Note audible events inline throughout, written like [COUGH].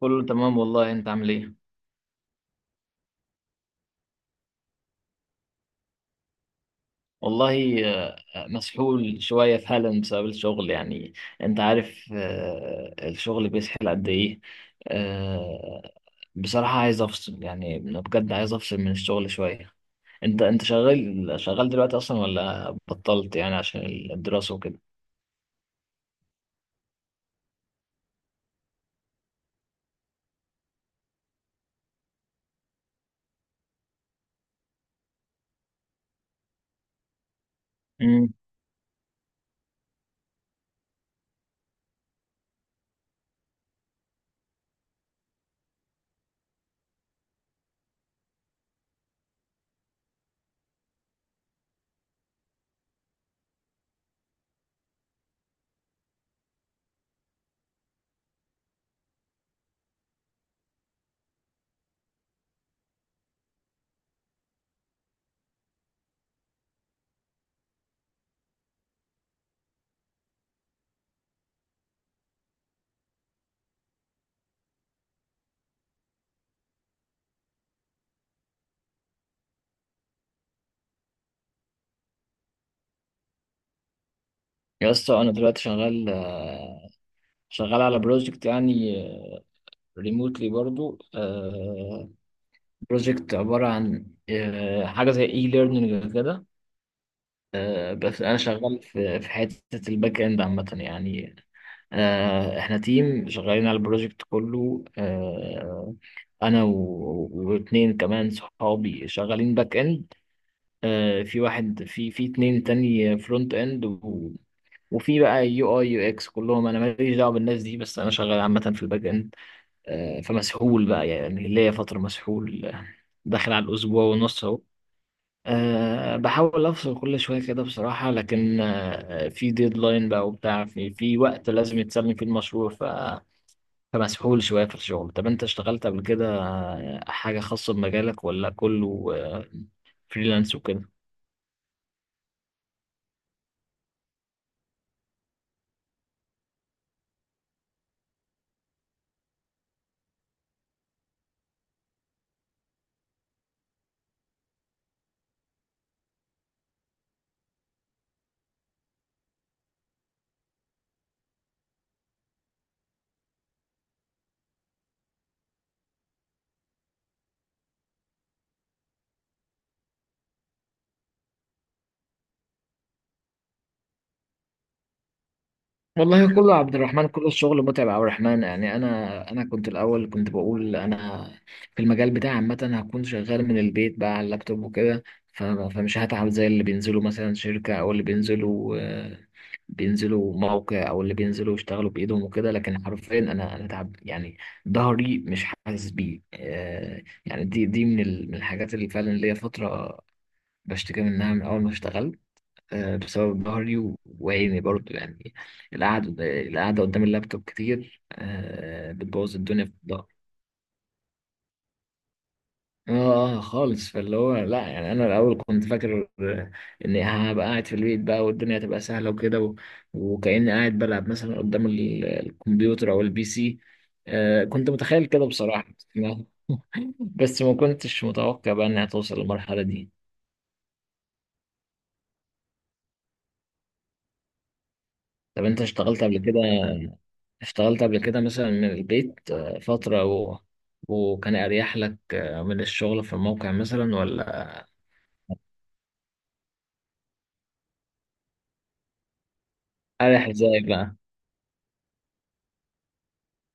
كله تمام والله. انت عامل ايه؟ والله مسحول شوية في هالاند بسبب الشغل يعني. انت عارف الشغل بيسحل قد ايه. آه، بصراحة عايز افصل يعني، بجد عايز افصل من الشغل شوية. انت شغال دلوقتي اصلا ولا بطلت يعني عشان الدراسة وكده؟ امم. يا اسطى، انا دلوقتي شغال شغال على بروجكت يعني، ريموتلي برضو. بروجكت عبارة عن حاجة زي اي ليرنينج كده. بس انا شغال في حته الباك اند عامه يعني. احنا تيم شغالين على البروجكت كله. انا واتنين كمان صحابي شغالين باك اند. في واحد، في اتنين تاني فرونت اند وفي بقى يو اي يو اكس. كلهم انا ماليش دعوه بالناس دي، بس انا شغال عامه في الباك اند. فمسحول بقى يعني، ليا فتره مسحول، داخل على الاسبوع ونص اهو. بحاول أفصل كل شوية كده بصراحة، لكن في ديدلاين بقى وبتاع، في وقت لازم يتسلم فيه المشروع. فمسحول شوية في الشغل. طب أنت اشتغلت قبل كده حاجة خاصة بمجالك ولا كله فريلانس وكده؟ والله كله عبد الرحمن، كله الشغل متعب يا عبد الرحمن يعني. انا كنت الاول كنت بقول انا في المجال بتاعي عامه هكون شغال من البيت بقى على اللابتوب وكده، فمش هتعب زي اللي بينزلوا مثلا شركه، او اللي بينزلوا بينزلوا موقع، او اللي بينزلوا يشتغلوا بايدهم وكده. لكن حرفيا انا تعب يعني. ظهري مش حاسس بيه يعني. دي من من الحاجات اللي فعلا ليا فتره بشتكي منها من اول ما اشتغلت، بسبب ظهري وعيني برضو يعني. القعدة، القعدة قدام اللابتوب كتير بتبوظ الدنيا في الظهر. اه. خالص، فاللي هو لا، يعني انا الاول كنت فاكر اني هبقى قاعد في البيت بقى والدنيا هتبقى سهله وكده، وكاني قاعد بلعب مثلا قدام الكمبيوتر او البي سي. كنت متخيل كده بصراحه. [LAUGHS] بس ما كنتش متوقع بقى انها توصل للمرحله دي. طب انت اشتغلت قبل كده، اشتغلت قبل كده مثلا من البيت فترة وكان أريح لك من الشغل في الموقع مثلا ولا؟ أريح إزاي بقى؟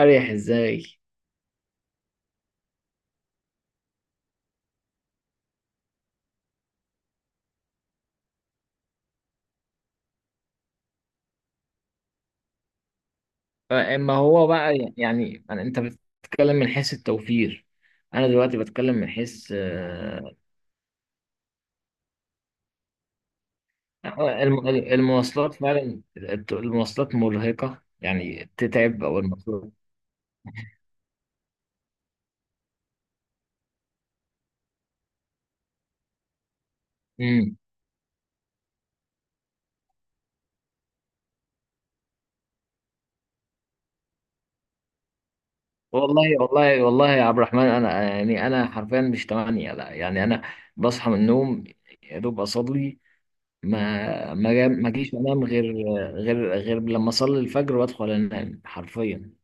أريح إزاي؟ ما هو بقى يعني، يعني أنت بتتكلم من حيث التوفير. أنا دلوقتي بتكلم من حيث المواصلات فعلا. المواصلات مرهقة يعني، تتعب أو المفروض. مم. والله والله والله يا عبد الرحمن، أنا يعني، أنا حرفيا مش 8 لا. يعني أنا بصحى من النوم، يا دوب اصلي، ما جيش انام غير لما اصلي الفجر وادخل انام حرفيا.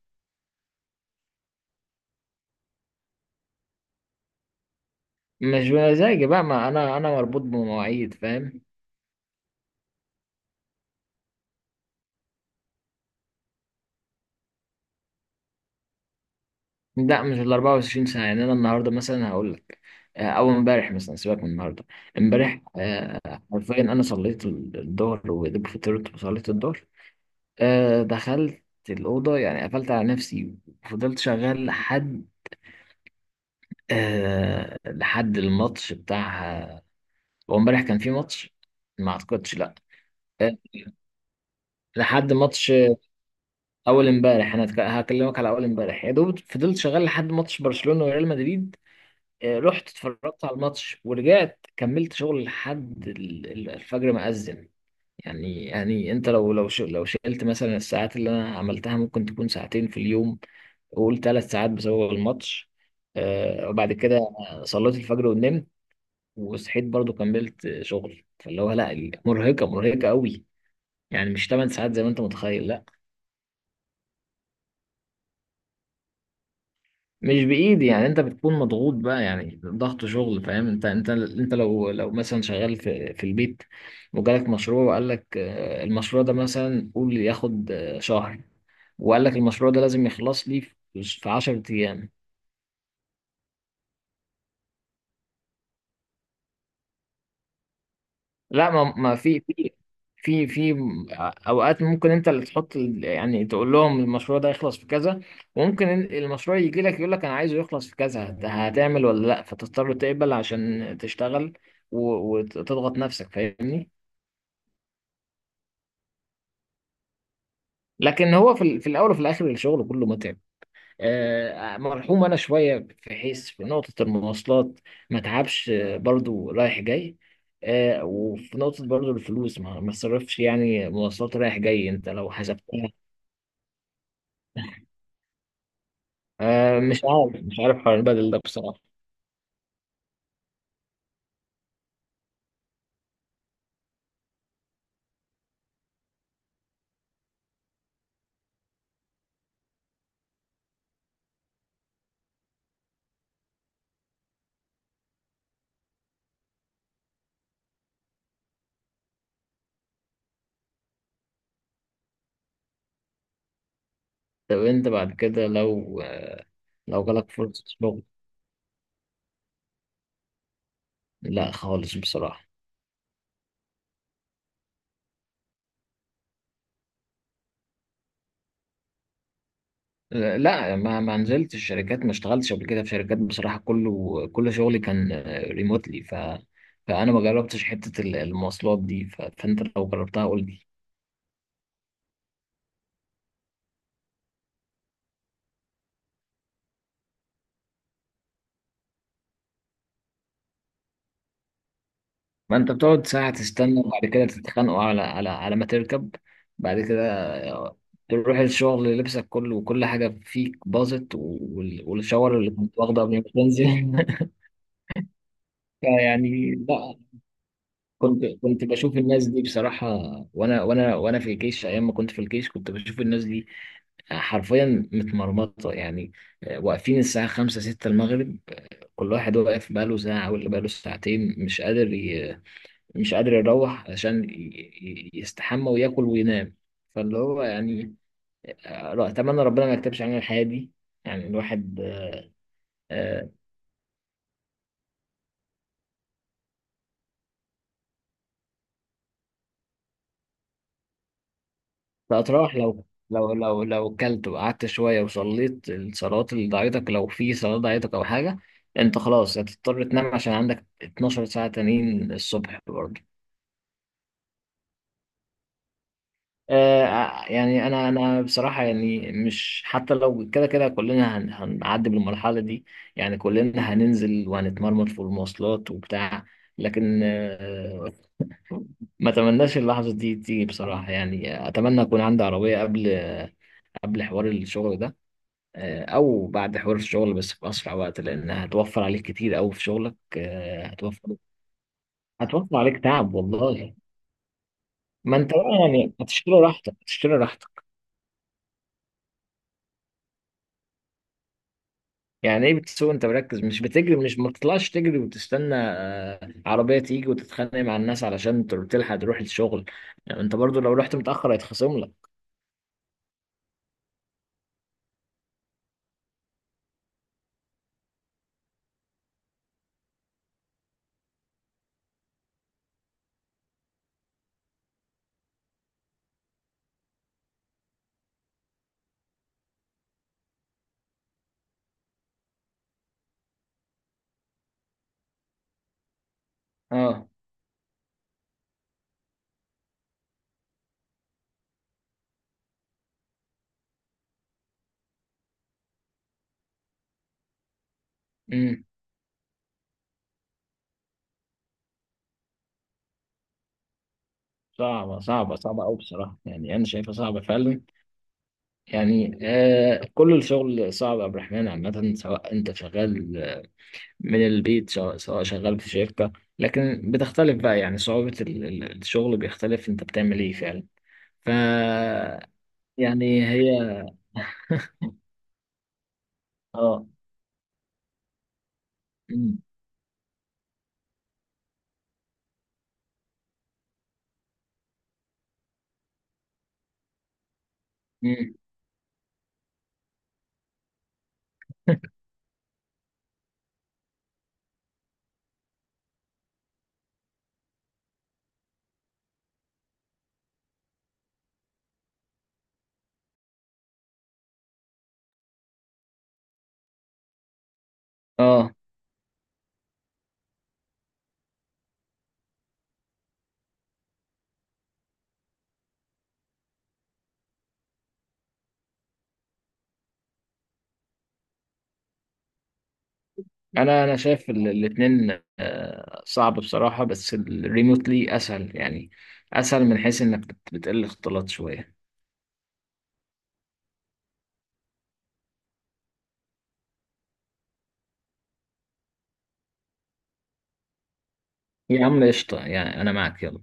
مش بمزاجي بقى، ما انا مربوط بمواعيد فاهم. لا مش ال 24 ساعه يعني. انا النهارده مثلا هقول لك او امبارح، مثلا سيبك من النهارده. امبارح حرفيا انا صليت الظهر وجبت فطرت وصليت الظهر، دخلت الاوضه يعني، قفلت على نفسي وفضلت شغال لحد لحد الماتش بتاع. هو امبارح كان في ماتش؟ ما اعتقدش. لا لحد ماتش اول امبارح. انا هكلمك على اول امبارح. يا دوب فضلت شغال لحد ماتش برشلونة وريال مدريد رحت اتفرجت على الماتش ورجعت كملت شغل لحد الفجر ما أذن. يعني، يعني انت لو شلت مثلا الساعات اللي انا عملتها، ممكن تكون ساعتين في اليوم، وقول 3 ساعات بسبب الماتش. وبعد كده صليت الفجر ونمت، وصحيت برضو كملت شغل. فاللي هو لا، مرهقة، مرهقة قوي. يعني مش 8 ساعات زي ما انت متخيل، لا. مش بايدي يعني، انت بتكون مضغوط بقى، يعني ضغط شغل، فاهم؟ انت لو مثلا شغال في البيت وجالك مشروع، وقال لك المشروع ده مثلا، قول ياخد شهر، وقال لك المشروع ده لازم يخلص لي في 10 ايام. لا، ما في اوقات ممكن انت اللي تحط يعني، تقول لهم المشروع ده يخلص في كذا، وممكن المشروع يجي لك يقول لك انا عايزه يخلص في كذا. هتعمل ولا لا؟ فتضطر تقبل عشان تشتغل وتضغط نفسك، فاهمني؟ لكن هو في الاول وفي الاخر الشغل كله متعب. مرحوم انا شويه في حيث في نقطه المواصلات، ما تعبش برضو رايح جاي. وفي نقطه برضو الفلوس ما تصرفش، يعني مواصلات رايح جاي انت لو حسبتها. مش عارف، مش عارف حوار البدل ده بصراحه. طب انت بعد كده لو لو جالك فرصه شغل؟ لا خالص بصراحه. لا، ما نزلتش شركات، ما اشتغلتش قبل كده في شركات بصراحة. كله كل شغلي كان ريموتلي، فأنا ما جربتش حتة المواصلات دي. فأنت لو جربتها قول لي. ما أنت بتقعد ساعة تستنى، وبعد كده تتخانقوا على ما تركب، بعد كده تروح الشغل لبسك كله وكل حاجة فيك باظت، والشاور اللي كنت واخده قبل ما تنزل. [LAUGHS] فيعني لا. كنت بشوف الناس دي بصراحة، وأنا في الجيش، أيام ما كنت في الجيش كنت بشوف الناس دي حرفيا متمرمطة يعني. واقفين الساعة خمسة ستة المغرب، كل واحد واقف بقاله ساعة واللي بقاله ساعتين، مش قادر مش قادر يروح عشان يستحمى وياكل وينام. فاللي هو يعني أتمنى ربنا ما يكتبش علينا الحياة دي. يعني الواحد آه، فأتراح لو لو كلت وقعدت شوية وصليت الصلوات اللي ضايعتك، لو في صلاة ضايعتك أو حاجة. أنت خلاص هتضطر تنام عشان عندك 12 ساعة تانيين الصبح. يعني انا بصراحه يعني، مش حتى لو كده كده كلنا هنعدي بالمرحله دي. يعني كلنا هننزل وهنتمرمط في المواصلات وبتاع، لكن ما اتمناش اللحظه دي تيجي بصراحه. يعني اتمنى اكون عندي عربيه قبل حوار الشغل ده او بعد حوار الشغل، بس في اسرع وقت، لان هتوفر عليك كتير قوي في شغلك. هتوفر عليك تعب والله. ما انت بقى يعني هتشتري راحتك، هتشتري راحتك. يعني ايه بتسوق انت مركز؟ مش بتجري، مش، ما بتطلعش تجري وتستنى عربية تيجي وتتخانق مع الناس علشان تلحق تروح الشغل. يعني انت برضو لو رحت متأخر هيتخصم لك. اه. امم. صعبة صعبة صعبة أوي بصراحة، يعني أنا شايفها صعبة فعلا. يعني كل الشغل صعب يا عبد الرحمن عامة، سواء أنت شغال من البيت سواء شغال في شركة. لكن بتختلف بقى، يعني صعوبة الشغل بيختلف أنت بتعمل إيه فعلا. ف يعني هي. اه. مم. اه. انا شايف الاثنين صعب بصراحه، بس الريموتلي اسهل يعني، اسهل من حيث انك بتقل اختلاط شويه. يا عم قشطه، يعني انا معك، يلا.